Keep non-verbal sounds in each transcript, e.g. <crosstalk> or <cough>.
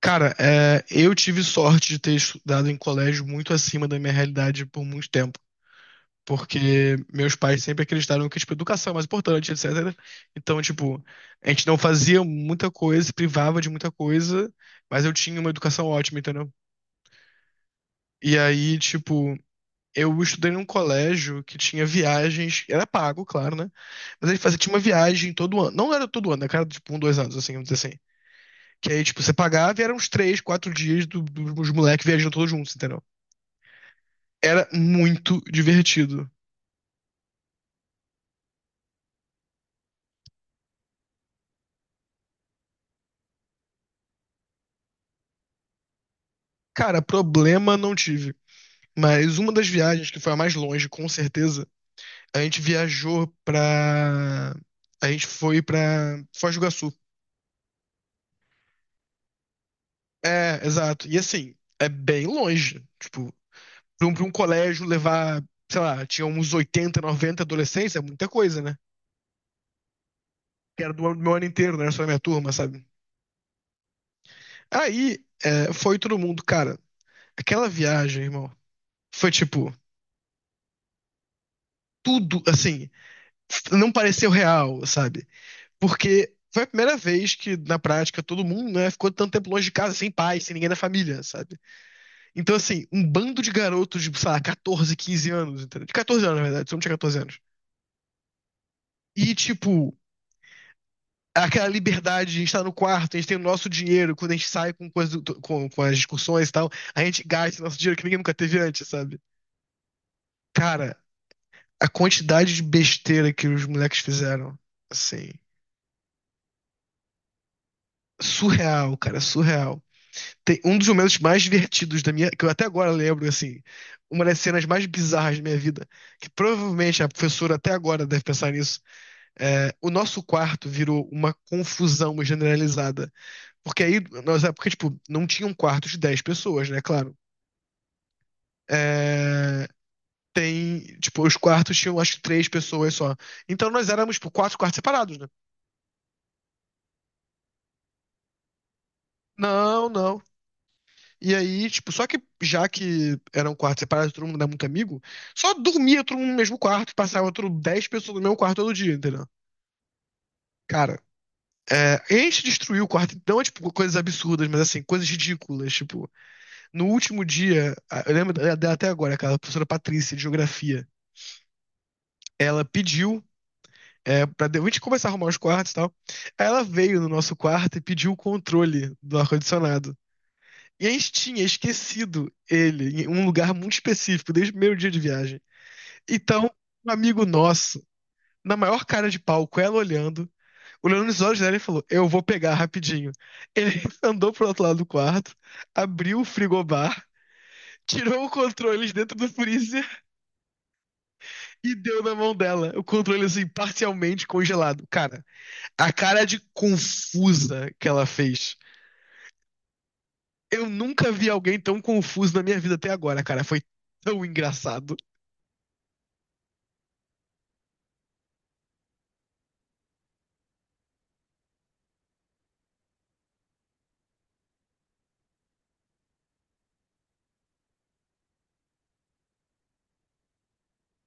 Cara, eu tive sorte de ter estudado em colégio muito acima da minha realidade por muito tempo, porque meus pais sempre acreditaram que, tipo, educação é mais importante, etc. Então, tipo, a gente não fazia muita coisa, se privava de muita coisa, mas eu tinha uma educação ótima, entendeu? E aí, tipo, eu estudei num colégio que tinha viagens, era pago, claro, né? Mas ele fazia, tinha uma viagem todo ano, não era todo ano, né? Cara, tipo, um, dois anos, assim, vamos dizer assim. Que aí, tipo, você pagava e eram uns 3, 4 dias dos moleques viajando todos juntos, entendeu? Era muito divertido. Cara, problema não tive. Mas uma das viagens que foi a mais longe, com certeza, a gente viajou pra. A gente foi pra Foz do Iguaçu. É, exato. E assim, é bem longe. Tipo, pra um colégio levar, sei lá, tinha uns 80 90 adolescentes, é muita coisa, né? Que era do meu ano inteiro, não era só da minha turma, sabe? Aí, foi todo mundo, cara. Aquela viagem, irmão, foi tipo, tudo, assim, não pareceu real, sabe? Porque foi a primeira vez que, na prática, todo mundo, né, ficou tanto tempo longe de casa, sem pai, sem ninguém da família, sabe? Então, assim, um bando de garotos de, sei lá, 14, 15 anos, entendeu? De 14 anos, na verdade, se não tinha 14 anos. E, tipo, aquela liberdade, a gente tá no quarto, a gente tem o nosso dinheiro, quando a gente sai com, coisa, com as discussões e tal, a gente gasta o nosso dinheiro que ninguém nunca teve antes, sabe? Cara, a quantidade de besteira que os moleques fizeram, assim, surreal, cara, surreal. Tem um dos momentos mais divertidos da minha, que eu até agora lembro, assim, uma das cenas mais bizarras da minha vida, que provavelmente a professora até agora deve pensar nisso, o nosso quarto virou uma confusão generalizada, porque aí, nós é porque tipo, não tinha um quarto de 10 pessoas, né, claro. É, tem, tipo, os quartos tinham acho que 3 pessoas só. Então nós éramos, tipo, quatro quartos separados, né? Não, não. E aí, tipo, só que já que era um quarto separado, todo mundo era muito amigo, só dormia todo mundo no mesmo quarto, passava outro 10 pessoas no mesmo quarto todo dia, entendeu? Cara, a gente destruiu o quarto, não é tipo coisas absurdas, mas assim, coisas ridículas. Tipo, no último dia, eu lembro dela até agora, aquela professora Patrícia de Geografia, ela pediu a gente começar a arrumar os quartos e tal. Aí ela veio no nosso quarto e pediu o controle do ar-condicionado. E a gente tinha esquecido ele em um lugar muito específico, desde o primeiro dia de viagem. Então, um amigo nosso, na maior cara de palco ela olhando, olhando nos olhos dela e falou: Eu vou pegar rapidinho. Ele <laughs> andou pro outro lado do quarto, abriu o frigobar, tirou o controle de dentro do freezer e deu na mão dela. O controle, assim, parcialmente congelado. Cara, a cara de confusa que ela fez. Eu nunca vi alguém tão confuso na minha vida até agora, cara. Foi tão engraçado.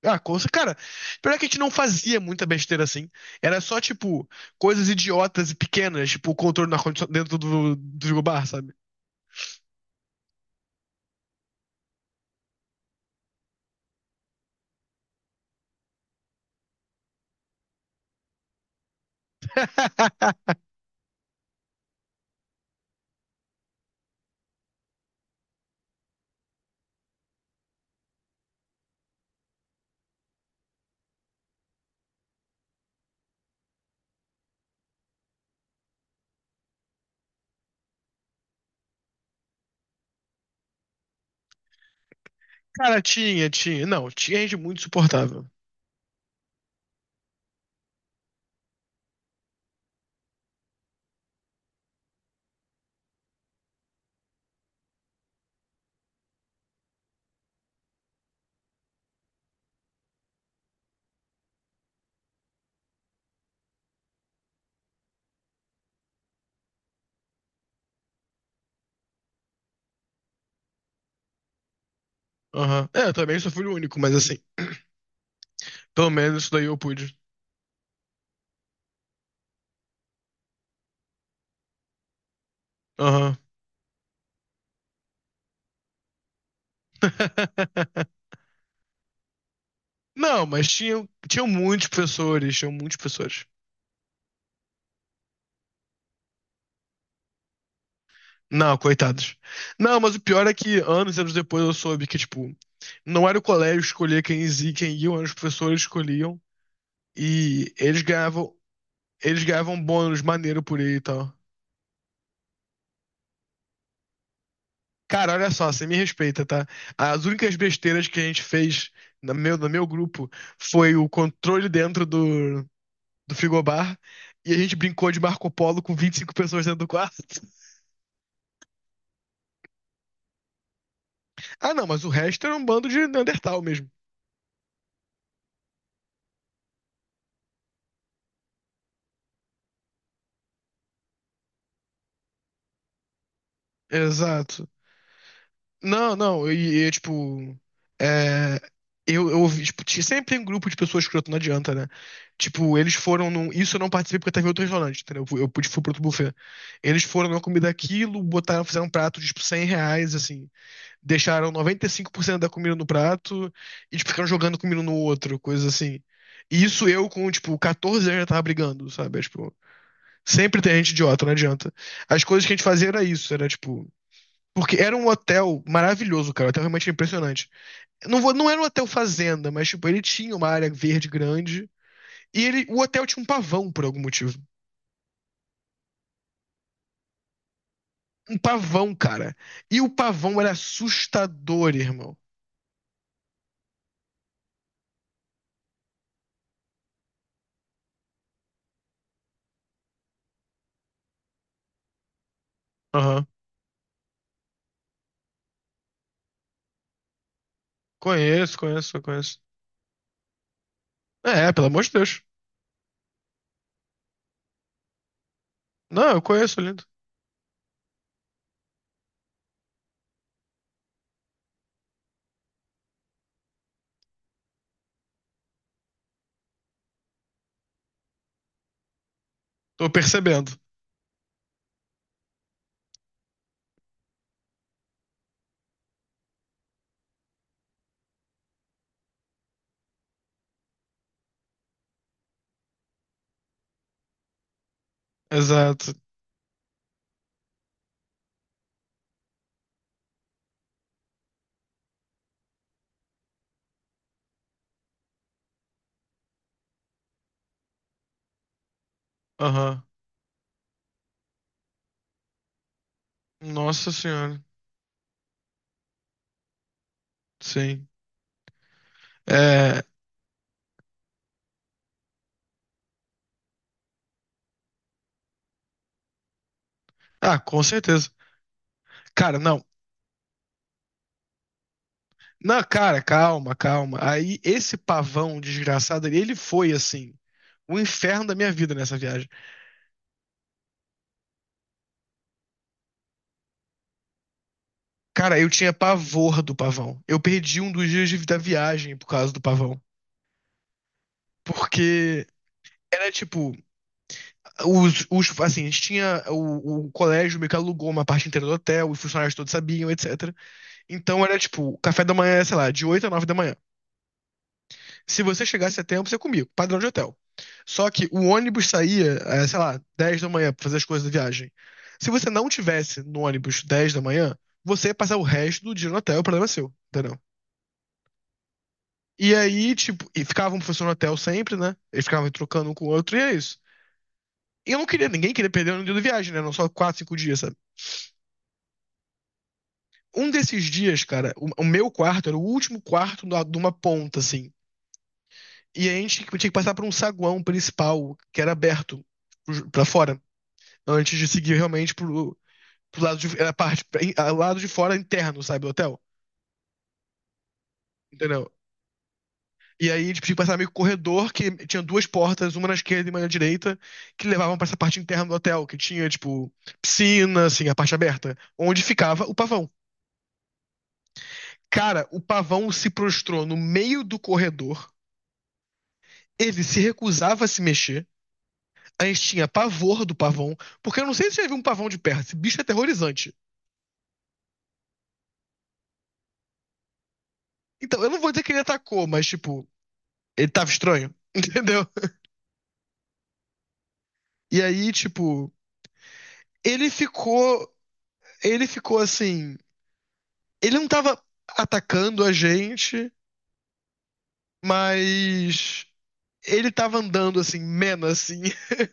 Ah, cara, pior é que a gente não fazia muita besteira assim. Era só, tipo, coisas idiotas e pequenas, tipo, o controle do ar-condicionado dentro do frigobar, sabe? <laughs> Cara, tinha, tinha. Não, tinha gente muito suportável. Aham. É, eu também sou filho único, mas assim, pelo menos isso daí eu pude. Aham. <laughs> Não, mas tinham, tinham muitos professores, tinham muitos professores. Não, coitados. Não, mas o pior é que anos e anos depois eu soube que, tipo, não era o colégio que escolhia quem ia, eram os professores que escolhiam. E eles ganhavam bônus maneiro por aí e tal. Cara, olha só, você me respeita, tá? As únicas besteiras que a gente fez no meu grupo foi o controle dentro do frigobar e a gente brincou de Marco Polo com 25 pessoas dentro do quarto. <laughs> Ah, não, mas o resto era um bando de Neandertal mesmo. Exato. Não, não, tipo. É, eu ouvi, tipo, sempre tem um grupo de pessoas escroto, não adianta, né? Tipo, eles foram num. Isso eu não participei porque eu tava em outro restaurante, entendeu? Eu, eu pude fui pro outro buffet. Eles foram numa comida aquilo, botaram, fizeram um prato de tipo, R$ 100, assim. Deixaram 95% da comida no prato e tipo, ficaram jogando comida um no outro, coisa assim. E isso eu com, tipo, 14 anos já tava brigando, sabe? É, tipo, sempre tem gente idiota, não adianta. As coisas que a gente fazia era isso, era tipo. Porque era um hotel maravilhoso, cara. O hotel realmente era impressionante. Não, não era um hotel fazenda, mas, tipo, ele tinha uma área verde grande. E ele, o hotel tinha um pavão, por algum motivo. Um pavão, cara. E o pavão era assustador, irmão. Aham. Conheço, conheço, eu conheço. É, pelo amor de Deus. Não, eu conheço, lindo. Tô percebendo. Exato. Aham. Nossa senhora. Sim. É. Ah, com certeza. Cara, não. Não, cara, calma, calma. Aí esse pavão desgraçado ali, ele foi assim, o inferno da minha vida nessa viagem. Cara, eu tinha pavor do pavão. Eu perdi um dos dias da viagem por causa do pavão. Porque era tipo, os assim, a gente tinha o colégio meio que alugou uma parte inteira do hotel, os funcionários todos sabiam, etc. Então era tipo, café da manhã, sei lá, de 8 a 9 da manhã. Se você chegasse a tempo, você comia, padrão de hotel. Só que o ônibus saía, sei lá, 10 da manhã pra fazer as coisas da viagem. Se você não tivesse no ônibus 10 da manhã, você ia passar o resto do dia no hotel, o problema é seu, entendeu? E aí, tipo, e ficava um professor no hotel sempre, né? Eles ficavam trocando um com o outro, e é isso. E eu não queria, ninguém queria perder um dia de viagem, né? Não só 4, 5 dias, sabe? Um desses dias, cara, o meu quarto era o último quarto de uma ponta, assim. E a gente tinha que passar por um saguão principal, que era aberto pra fora, né? Antes de seguir realmente pro lado de. Era parte. Lado de fora interno, sabe, do hotel. Entendeu? E aí eles tinham que passar meio que um corredor que tinha duas portas, uma na esquerda e uma na direita, que levavam pra essa parte interna do hotel, que tinha, tipo, piscina, assim, a parte aberta, onde ficava o pavão. Cara, o pavão se prostrou no meio do corredor, ele se recusava a se mexer, a gente tinha pavor do pavão, porque eu não sei se você já viu um pavão de perto, esse bicho é aterrorizante. Então, eu não vou dizer que ele atacou, mas, tipo, ele tava estranho, <laughs> entendeu? E aí, tipo, ele ficou. Ele ficou assim. Ele não tava atacando a gente, mas. Ele tava andando assim, mena assim. <laughs>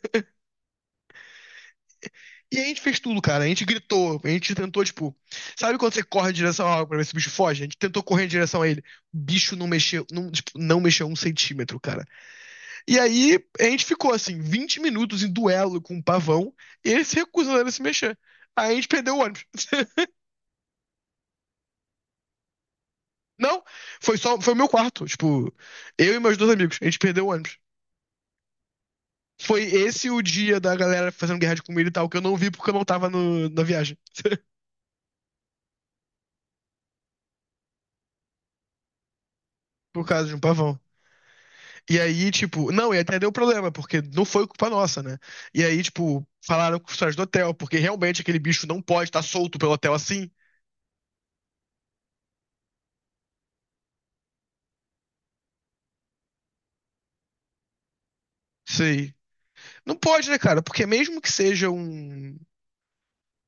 E a gente fez tudo, cara. A gente gritou, a gente tentou, tipo. Sabe quando você corre em direção a algo pra ver se o bicho foge? A gente tentou correr em direção a ele. O bicho não mexeu, não, tipo, não mexeu um centímetro, cara. E aí a gente ficou assim, 20 minutos em duelo com o pavão, e ele se recusando a se mexer. Aí a gente perdeu o ônibus. Não, foi só, foi o meu quarto, tipo, eu e meus dois amigos, a gente perdeu o ônibus. Foi esse o dia da galera fazendo guerra de comida e tal, que eu não vi porque eu não tava na viagem, por causa de um pavão. E aí, tipo, não, e até deu problema, porque não foi culpa nossa, né? E aí, tipo, falaram com os caras do hotel, porque realmente aquele bicho não pode estar solto pelo hotel assim. Sei. Não pode, né, cara? Porque mesmo que seja um.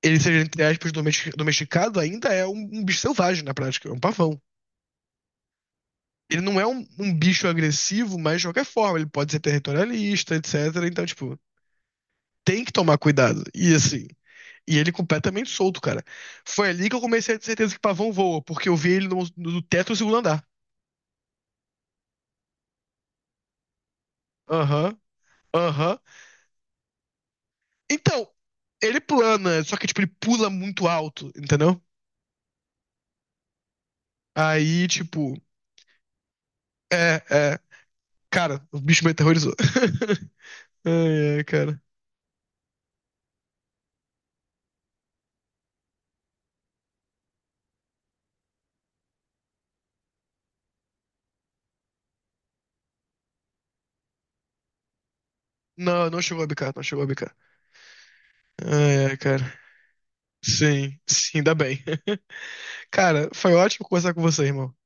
Ele seja, entre aspas, domesticado, ainda é um, um bicho selvagem na prática, é um pavão. Ele não é um bicho agressivo, mas de qualquer forma, ele pode ser territorialista, etc. Então, tipo, tem que tomar cuidado. E assim, e ele é completamente solto, cara. Foi ali que eu comecei a ter certeza que pavão voa, porque eu vi ele no teto do segundo andar. Aham, aham. Então, ele plana, só que, tipo, ele pula muito alto, entendeu? Aí, tipo, é, é. Cara, o bicho me aterrorizou. <laughs> Ai, ai, cara. Não, não chegou a bicar, não chegou a bicar. Ai, ai, cara. Sim, sim, ainda bem. <laughs> Cara, foi ótimo conversar com você, irmão.